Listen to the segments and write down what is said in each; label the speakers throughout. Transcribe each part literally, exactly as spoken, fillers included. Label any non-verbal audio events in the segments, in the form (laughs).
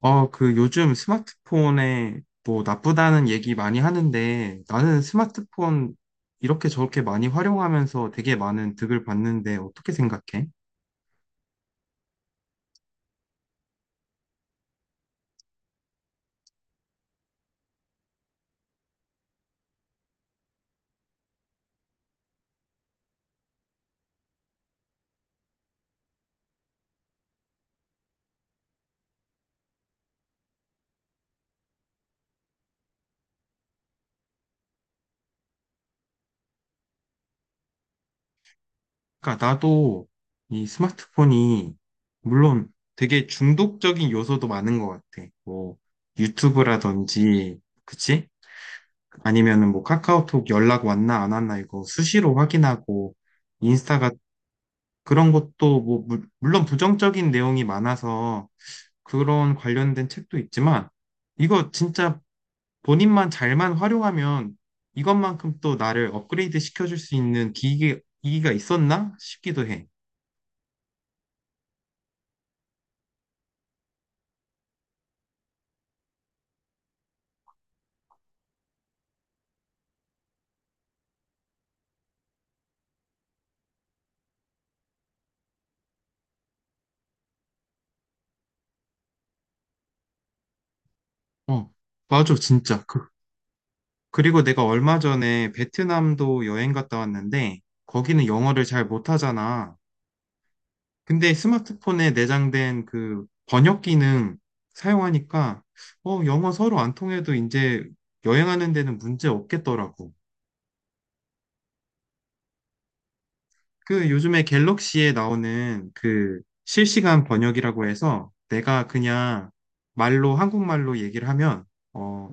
Speaker 1: 어, 그 요즘 스마트폰에 뭐 나쁘다는 얘기 많이 하는데 나는 스마트폰 이렇게 저렇게 많이 활용하면서 되게 많은 득을 봤는데 어떻게 생각해? 그러니까 나도 이 스마트폰이 물론 되게 중독적인 요소도 많은 것 같아. 뭐 유튜브라든지, 그치? 아니면은 뭐 카카오톡 연락 왔나 안 왔나 이거 수시로 확인하고 인스타 그런 것도 뭐 물- 물론 부정적인 내용이 많아서 그런 관련된 책도 있지만 이거 진짜 본인만 잘만 활용하면 이것만큼 또 나를 업그레이드 시켜줄 수 있는 기기, 기기가 있었나 싶기도 해. 어, 맞아, 진짜. 그, 그리고 내가 얼마 전에 베트남도 여행 갔다 왔는데 거기는 영어를 잘 못하잖아. 근데 스마트폰에 내장된 그 번역 기능 사용하니까 어, 영어 서로 안 통해도 이제 여행하는 데는 문제 없겠더라고. 그 요즘에 갤럭시에 나오는 그 실시간 번역이라고 해서 내가 그냥 말로 한국말로 얘기를 하면 어,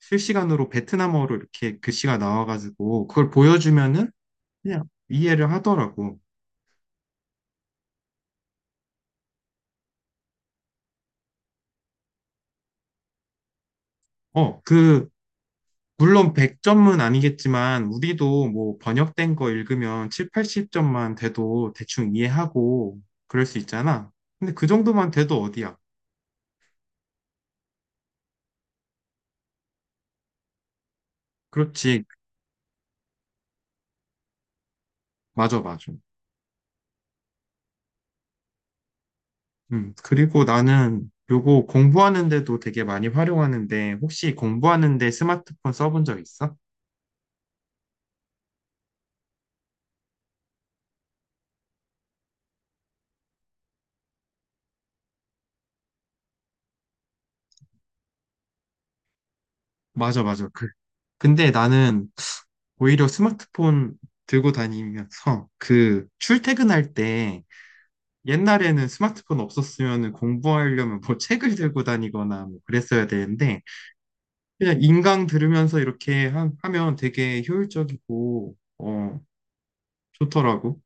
Speaker 1: 실시간으로 베트남어로 이렇게 글씨가 나와가지고 그걸 보여주면은 그냥 이해를 하더라고. 어, 그 물론 백 점은 아니겠지만 우리도 뭐 번역된 거 읽으면 칠십, 팔십 점만 돼도 대충 이해하고 그럴 수 있잖아. 근데 그 정도만 돼도 어디야? 그렇지. 맞아, 맞아. 음. 그리고 나는 요거 공부하는데도 되게 많이 활용하는데 혹시 공부하는데 스마트폰 써본 적 있어? 맞아, 맞아. 그, 근데 나는 오히려 스마트폰 들고 다니면서 그 출퇴근할 때 옛날에는 스마트폰 없었으면 공부하려면 뭐 (laughs) 책을 들고 다니거나 뭐 그랬어야 되는데 그냥 인강 들으면서 이렇게 하, 면 되게 효율적이고 어 좋더라고.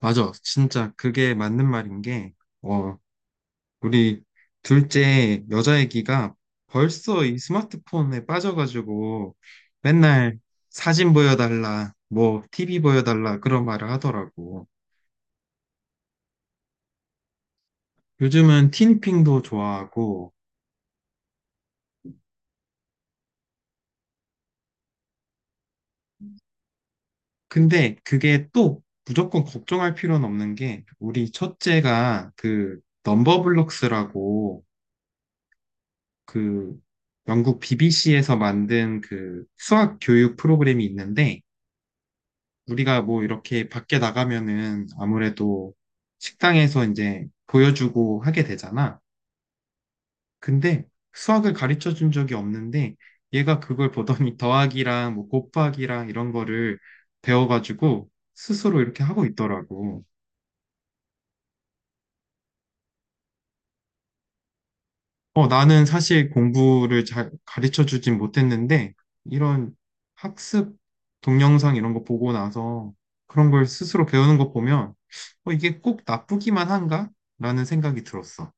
Speaker 1: 맞아. 진짜 그게 맞는 말인 게 어 우리 둘째 여자 애기가 벌써 이 스마트폰에 빠져가지고 맨날 사진 보여달라 뭐 티비 보여달라 그런 말을 하더라고. 요즘은 티니핑도 좋아하고 근데 그게 또 무조건 걱정할 필요는 없는 게 우리 첫째가 그 넘버블록스라고 그 영국 비비씨에서 만든 그 수학 교육 프로그램이 있는데 우리가 뭐 이렇게 밖에 나가면은 아무래도 식당에서 이제 보여주고 하게 되잖아. 근데 수학을 가르쳐 준 적이 없는데 얘가 그걸 보더니 더하기랑 뭐 곱하기랑 이런 거를 배워가지고 스스로 이렇게 하고 있더라고. 어, 나는 사실 공부를 잘 가르쳐 주진 못했는데, 이런 학습 동영상 이런 거 보고 나서 그런 걸 스스로 배우는 거 보면, 어, 이게 꼭 나쁘기만 한가? 라는 생각이 들었어.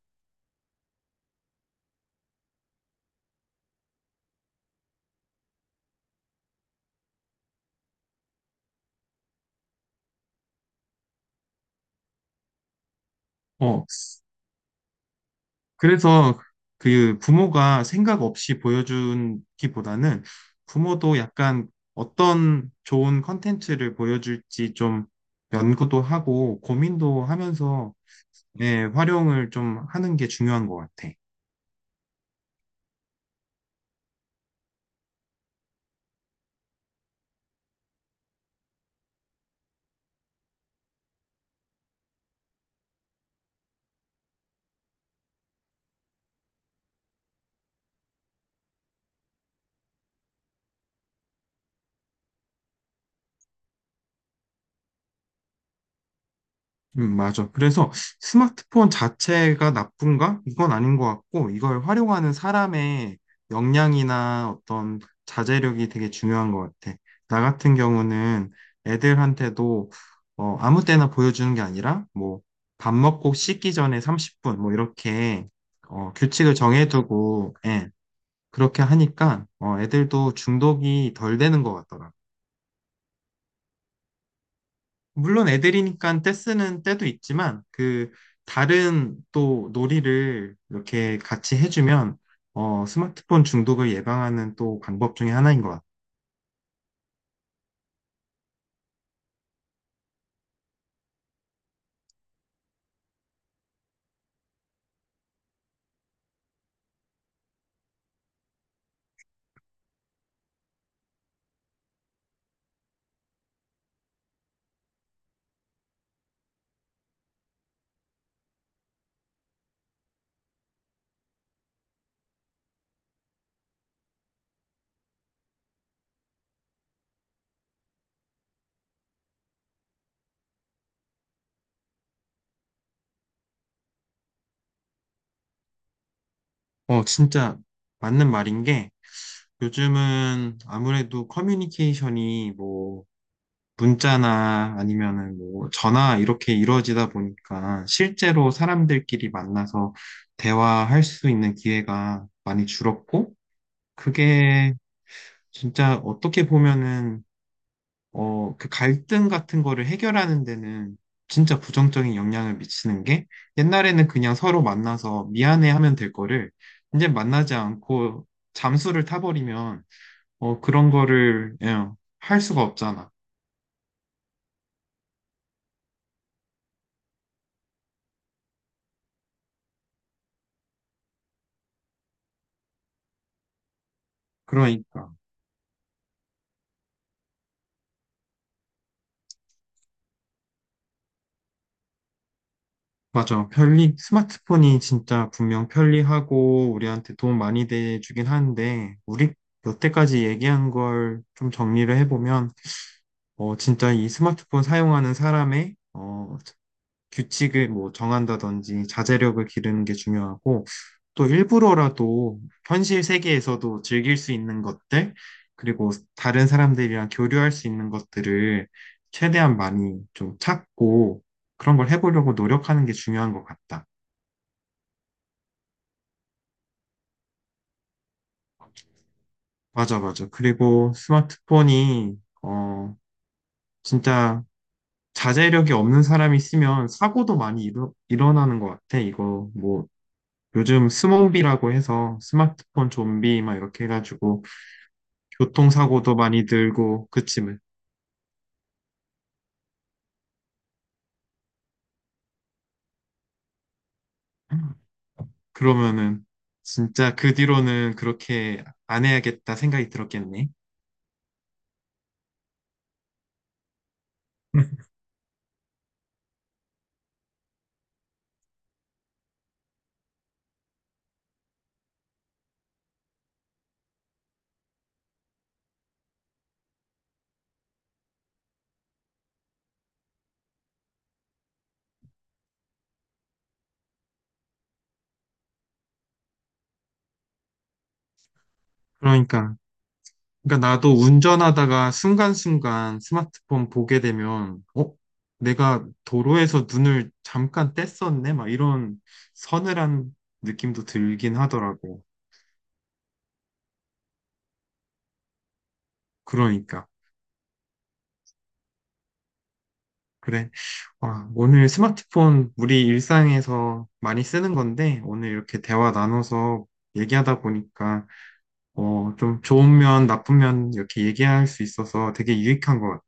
Speaker 1: 어, 그래서 그 부모가 생각 없이 보여주기보다는 부모도 약간 어떤 좋은 컨텐츠를 보여줄지 좀 연구도 하고 고민도 하면서 네, 활용을 좀 하는 게 중요한 것 같아. 음, 맞아. 그래서 스마트폰 자체가 나쁜가? 이건 아닌 것 같고, 이걸 활용하는 사람의 역량이나 어떤 자제력이 되게 중요한 것 같아. 나 같은 경우는 애들한테도 어, 아무 때나 보여주는 게 아니라, 뭐, 밥 먹고 씻기 전에 삼십 분, 뭐, 이렇게 어, 규칙을 정해두고, 예, 그렇게 하니까 어, 애들도 중독이 덜 되는 것 같더라 고 물론 애들이니까 떼쓰는 때도 있지만 그 다른 또 놀이를 이렇게 같이 해주면 어 스마트폰 중독을 예방하는 또 방법 중에 하나인 것 같아. 어 진짜 맞는 말인 게 요즘은 아무래도 커뮤니케이션이 뭐 문자나 아니면은 뭐 전화 이렇게 이루어지다 보니까 실제로 사람들끼리 만나서 대화할 수 있는 기회가 많이 줄었고 그게 진짜 어떻게 보면은 어, 그 갈등 같은 거를 해결하는 데는 진짜 부정적인 영향을 미치는 게 옛날에는 그냥 서로 만나서 미안해 하면 될 거를 이제 만나지 않고 잠수를 타버리면 어, 그런 거를 예, 할 수가 없잖아. 그러니까. 맞아. 편리, 스마트폰이 진짜 분명 편리하고 우리한테 도움 많이 돼주긴 하는데 우리 여태까지 얘기한 걸 좀 정리를 해보면 어, 진짜 이 스마트폰 사용하는 사람의 어, 규칙을 뭐 정한다든지 자제력을 기르는 게 중요하고 또 일부러라도 현실 세계에서도 즐길 수 있는 것들 그리고 다른 사람들이랑 교류할 수 있는 것들을 최대한 많이 좀 찾고 그런 걸 해보려고 노력하는 게 중요한 것 같다. 맞아, 맞아. 그리고 스마트폰이 어 진짜 자제력이 없는 사람이 쓰면 사고도 많이 일어, 일어나는 것 같아. 이거 뭐 요즘 스몬비라고 해서 스마트폰 좀비 막 이렇게 해가지고 교통사고도 많이 늘고 그치만 그러면은 진짜 그 뒤로는 그렇게 안 해야겠다 생각이 들었겠네. (laughs) 그러니까 그러니까 나도 운전하다가 순간순간 스마트폰 보게 되면 어? 내가 도로에서 눈을 잠깐 뗐었네? 막 이런 서늘한 느낌도 들긴 하더라고. 그러니까. 그래. 와, 오늘 스마트폰 우리 일상에서 많이 쓰는 건데, 오늘 이렇게 대화 나눠서 얘기하다 보니까, 어, 좀 좋은 면, 나쁜 면 이렇게 얘기할 수 있어서 되게 유익한 것 같아.